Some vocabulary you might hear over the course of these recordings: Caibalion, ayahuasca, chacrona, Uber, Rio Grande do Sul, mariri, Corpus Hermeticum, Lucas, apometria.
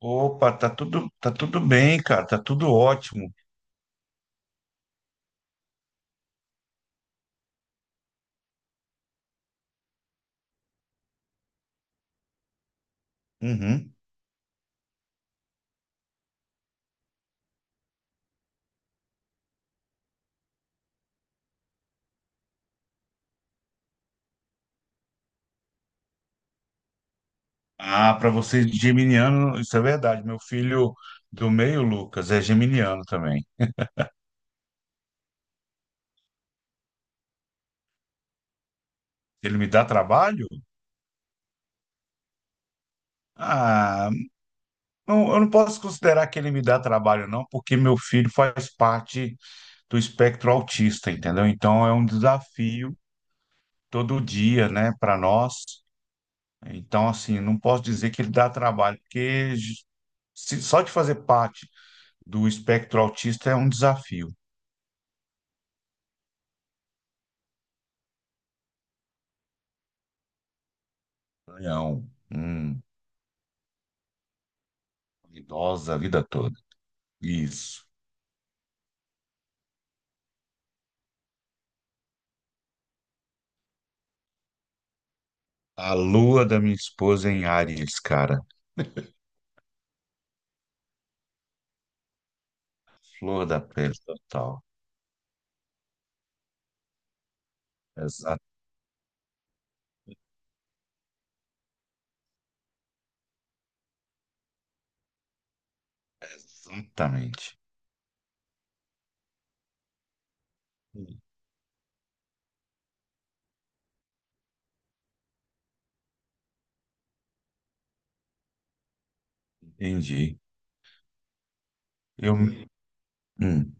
Opa, tá tudo bem, cara, tá tudo ótimo. Uhum. Ah, para vocês geminiano, isso é verdade. Meu filho do meio, Lucas, é geminiano também. Ele me dá trabalho? Ah, eu não posso considerar que ele me dá trabalho, não, porque meu filho faz parte do espectro autista, entendeu? Então é um desafio todo dia, né, para nós. Então, assim, não posso dizer que ele dá trabalho, porque só de fazer parte do espectro autista é um desafio. Leão. Idosa a vida toda. Isso. A lua da minha esposa é em Áries, cara. Flor da pele total. Exa- exatamente. Entendi. Eu, hum.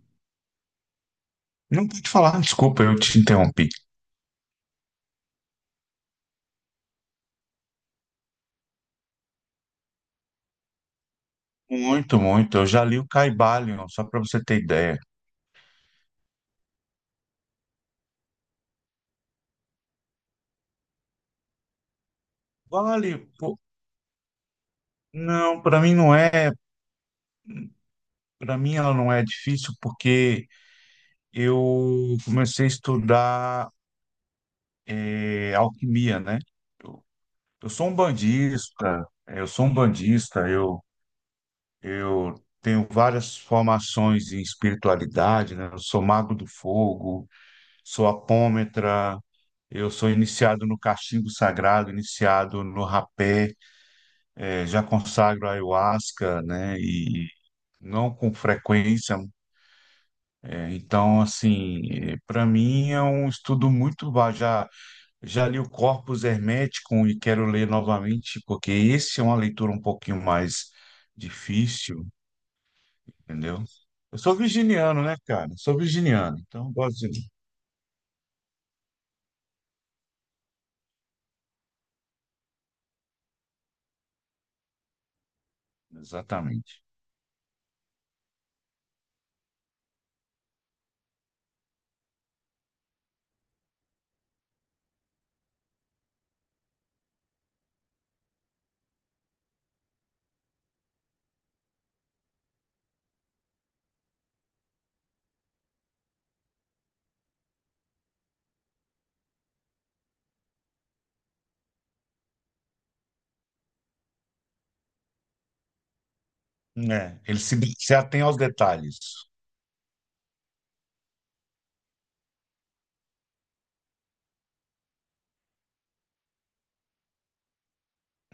Não pude falar, desculpa, eu te interrompi. Muito, muito. Eu já li o Caibalion, só para você ter ideia. Vale, pô, não, para mim não é, para mim ela não é difícil porque eu comecei a estudar alquimia, né? Eu sou um bandista, é, eu sou um bandista, eu tenho várias formações em espiritualidade, né? Eu sou mago do fogo, sou apômetra, eu sou iniciado no cachimbo sagrado, iniciado no rapé, já consagro ayahuasca, né? E não com frequência. Então, assim, para mim é um estudo muito vasto. Já li o Corpus Hermeticum e quero ler novamente, porque esse é uma leitura um pouquinho mais difícil, entendeu? Eu sou virginiano, né, cara? Sou virginiano, então eu gosto de ler. Exatamente. É, ele se atém aos detalhes.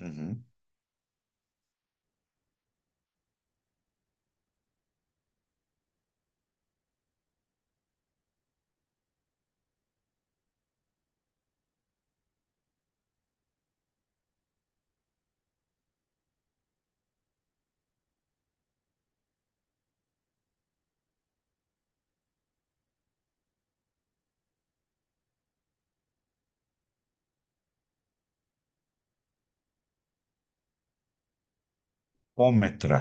Uhum. Ômetra.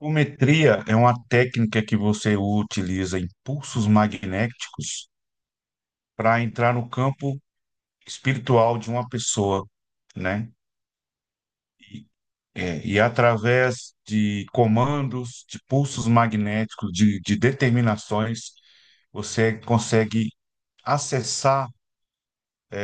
Ometria é uma técnica que você utiliza impulsos magnéticos para entrar no campo espiritual de uma pessoa, né? É, e através de comandos, de pulsos magnéticos, de determinações, você consegue acessar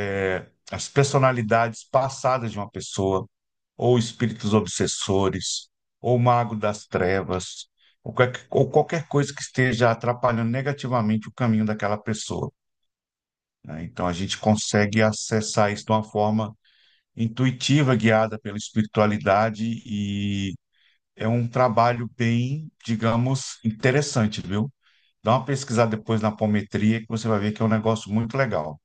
é, as personalidades passadas de uma pessoa, ou espíritos obsessores, ou mago das trevas, ou qualquer coisa que esteja atrapalhando negativamente o caminho daquela pessoa, né? Então a gente consegue acessar isso de uma forma intuitiva, guiada pela espiritualidade e é um trabalho bem, digamos, interessante, viu? Dá uma pesquisada depois na apometria que você vai ver que é um negócio muito legal.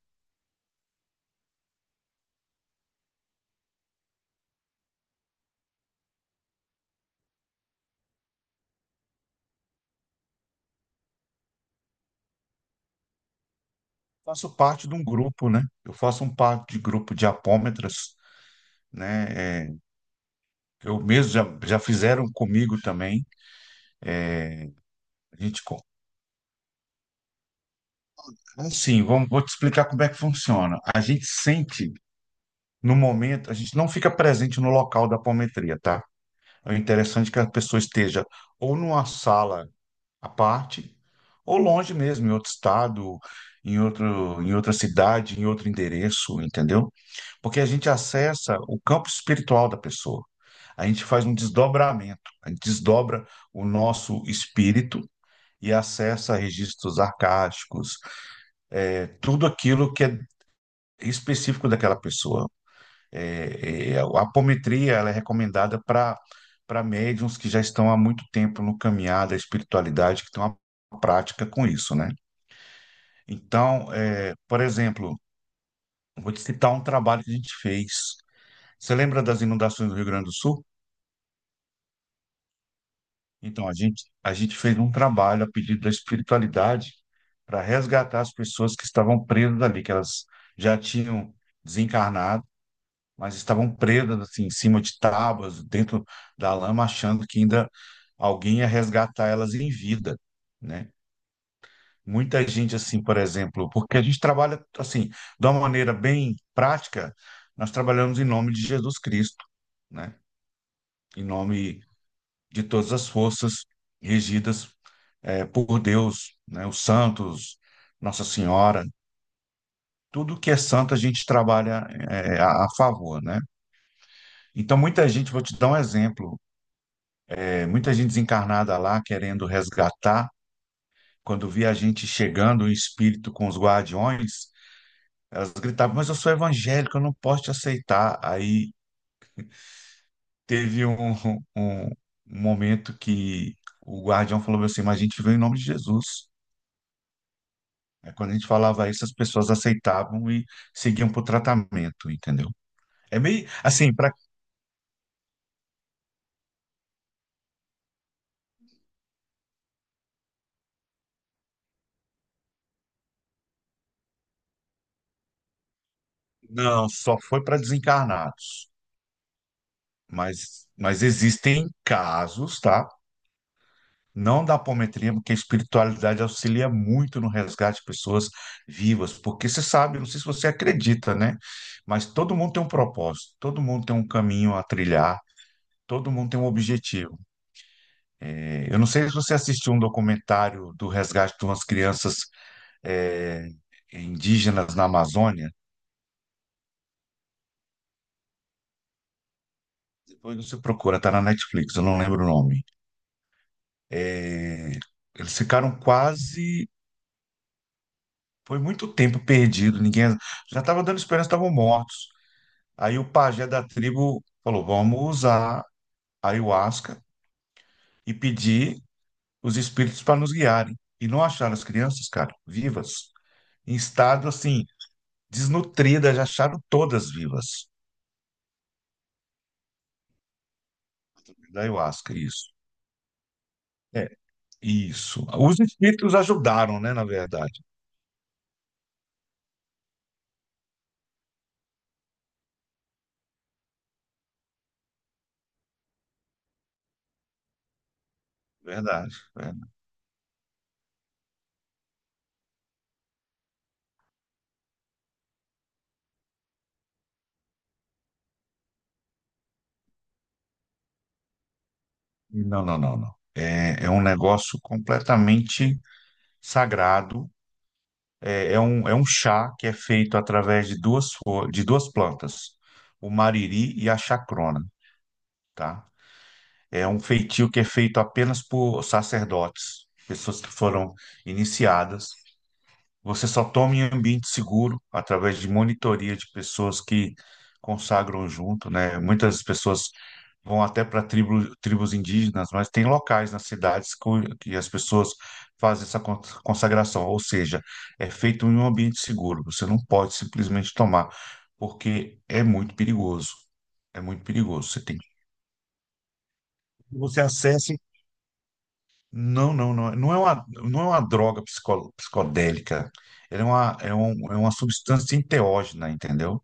Faço parte de um grupo, né? Eu faço um parte de grupo de apômetras, né? É, eu mesmo já, já fizeram comigo também. A gente, co- assim, vamos, vou te explicar como é que funciona. A gente sente no momento, a gente não fica presente no local da apometria, tá? É interessante que a pessoa esteja ou numa sala à parte, ou longe mesmo, em outro estado, em outra cidade, em outro endereço, entendeu? Porque a gente acessa o campo espiritual da pessoa. A gente faz um desdobramento, a gente desdobra o nosso espírito e acessa registros arcásticos, tudo aquilo que é específico daquela pessoa. A apometria, ela é recomendada para para médiums que já estão há muito tempo no caminhar da espiritualidade, que estão à prática com isso, né? Então, é, por exemplo, vou te citar um trabalho que a gente fez. Você lembra das inundações do Rio Grande do Sul? Então, a gente fez um trabalho a pedido da espiritualidade para resgatar as pessoas que estavam presas ali, que elas já tinham desencarnado, mas estavam presas assim, em cima de tábuas, dentro da lama, achando que ainda alguém ia resgatar elas em vida, né? Muita gente, assim, por exemplo, porque a gente trabalha, assim, de uma maneira bem prática, nós trabalhamos em nome de Jesus Cristo, né? Em nome de todas as forças regidas, por Deus, né? Os santos, Nossa Senhora, tudo que é santo a gente trabalha, a favor, né? Então, muita gente, vou te dar um exemplo, muita gente desencarnada lá querendo resgatar, quando via a gente chegando, o espírito com os guardiões, elas gritavam, mas eu sou evangélico, eu não posso te aceitar. Aí teve um momento que o guardião falou assim, mas a gente veio em nome de Jesus. Aí, quando a gente falava isso, as pessoas aceitavam e seguiam para o tratamento, entendeu? É meio assim, para não, só foi para desencarnados, mas existem casos, tá? Não da apometria, porque a espiritualidade auxilia muito no resgate de pessoas vivas, porque você sabe, não sei se você acredita, né? Mas todo mundo tem um propósito, todo mundo tem um caminho a trilhar, todo mundo tem um objetivo. É, eu não sei se você assistiu um documentário do resgate de umas crianças é, indígenas na Amazônia, depois você procura, tá na Netflix, eu não lembro o nome. É, eles ficaram quase, foi muito tempo perdido, ninguém já estava dando esperança, estavam mortos. Aí o pajé da tribo falou: vamos usar a ayahuasca e pedir os espíritos para nos guiarem. E não acharam as crianças, cara, vivas, em estado assim, desnutridas, já acharam todas vivas da ayahuasca, isso. É, isso. Os espíritos ajudaram, né, na verdade. Verdade, verdade. Não, não, não, não. É, é um negócio completamente sagrado. É, é um chá que é feito através de de duas plantas, o mariri e a chacrona, tá? É um feitio que é feito apenas por sacerdotes, pessoas que foram iniciadas. Você só toma em ambiente seguro através de monitoria de pessoas que consagram junto, né? Muitas pessoas vão até para tribos indígenas, mas tem locais nas cidades que as pessoas fazem essa consagração, ou seja, é feito em um ambiente seguro. Você não pode simplesmente tomar, porque é muito perigoso. É muito perigoso. Você tem que você acessa não, não, não. Não é uma, não é uma droga psicodélica. É um, é uma substância enteógena, entendeu?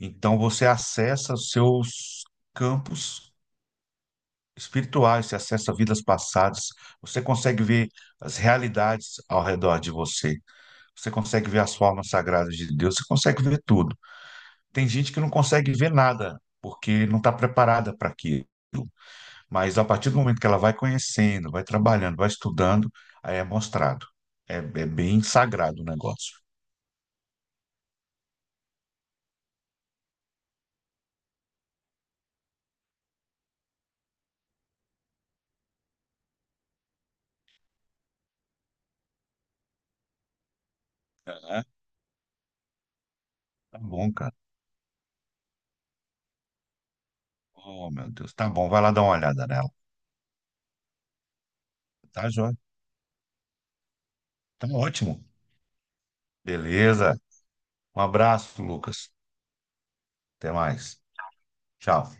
Então você acessa os seus campos espirituais, você acessa vidas passadas, você consegue ver as realidades ao redor de você, você consegue ver as formas sagradas de Deus, você consegue ver tudo. Tem gente que não consegue ver nada, porque não está preparada para aquilo. Mas a partir do momento que ela vai conhecendo, vai trabalhando, vai estudando, aí é mostrado. É, é bem sagrado o negócio. Aham. Tá bom, cara. Oh, meu Deus. Tá bom, vai lá dar uma olhada nela. Tá, joia? Tá ótimo. Beleza. Um abraço, Lucas. Até mais. Tchau.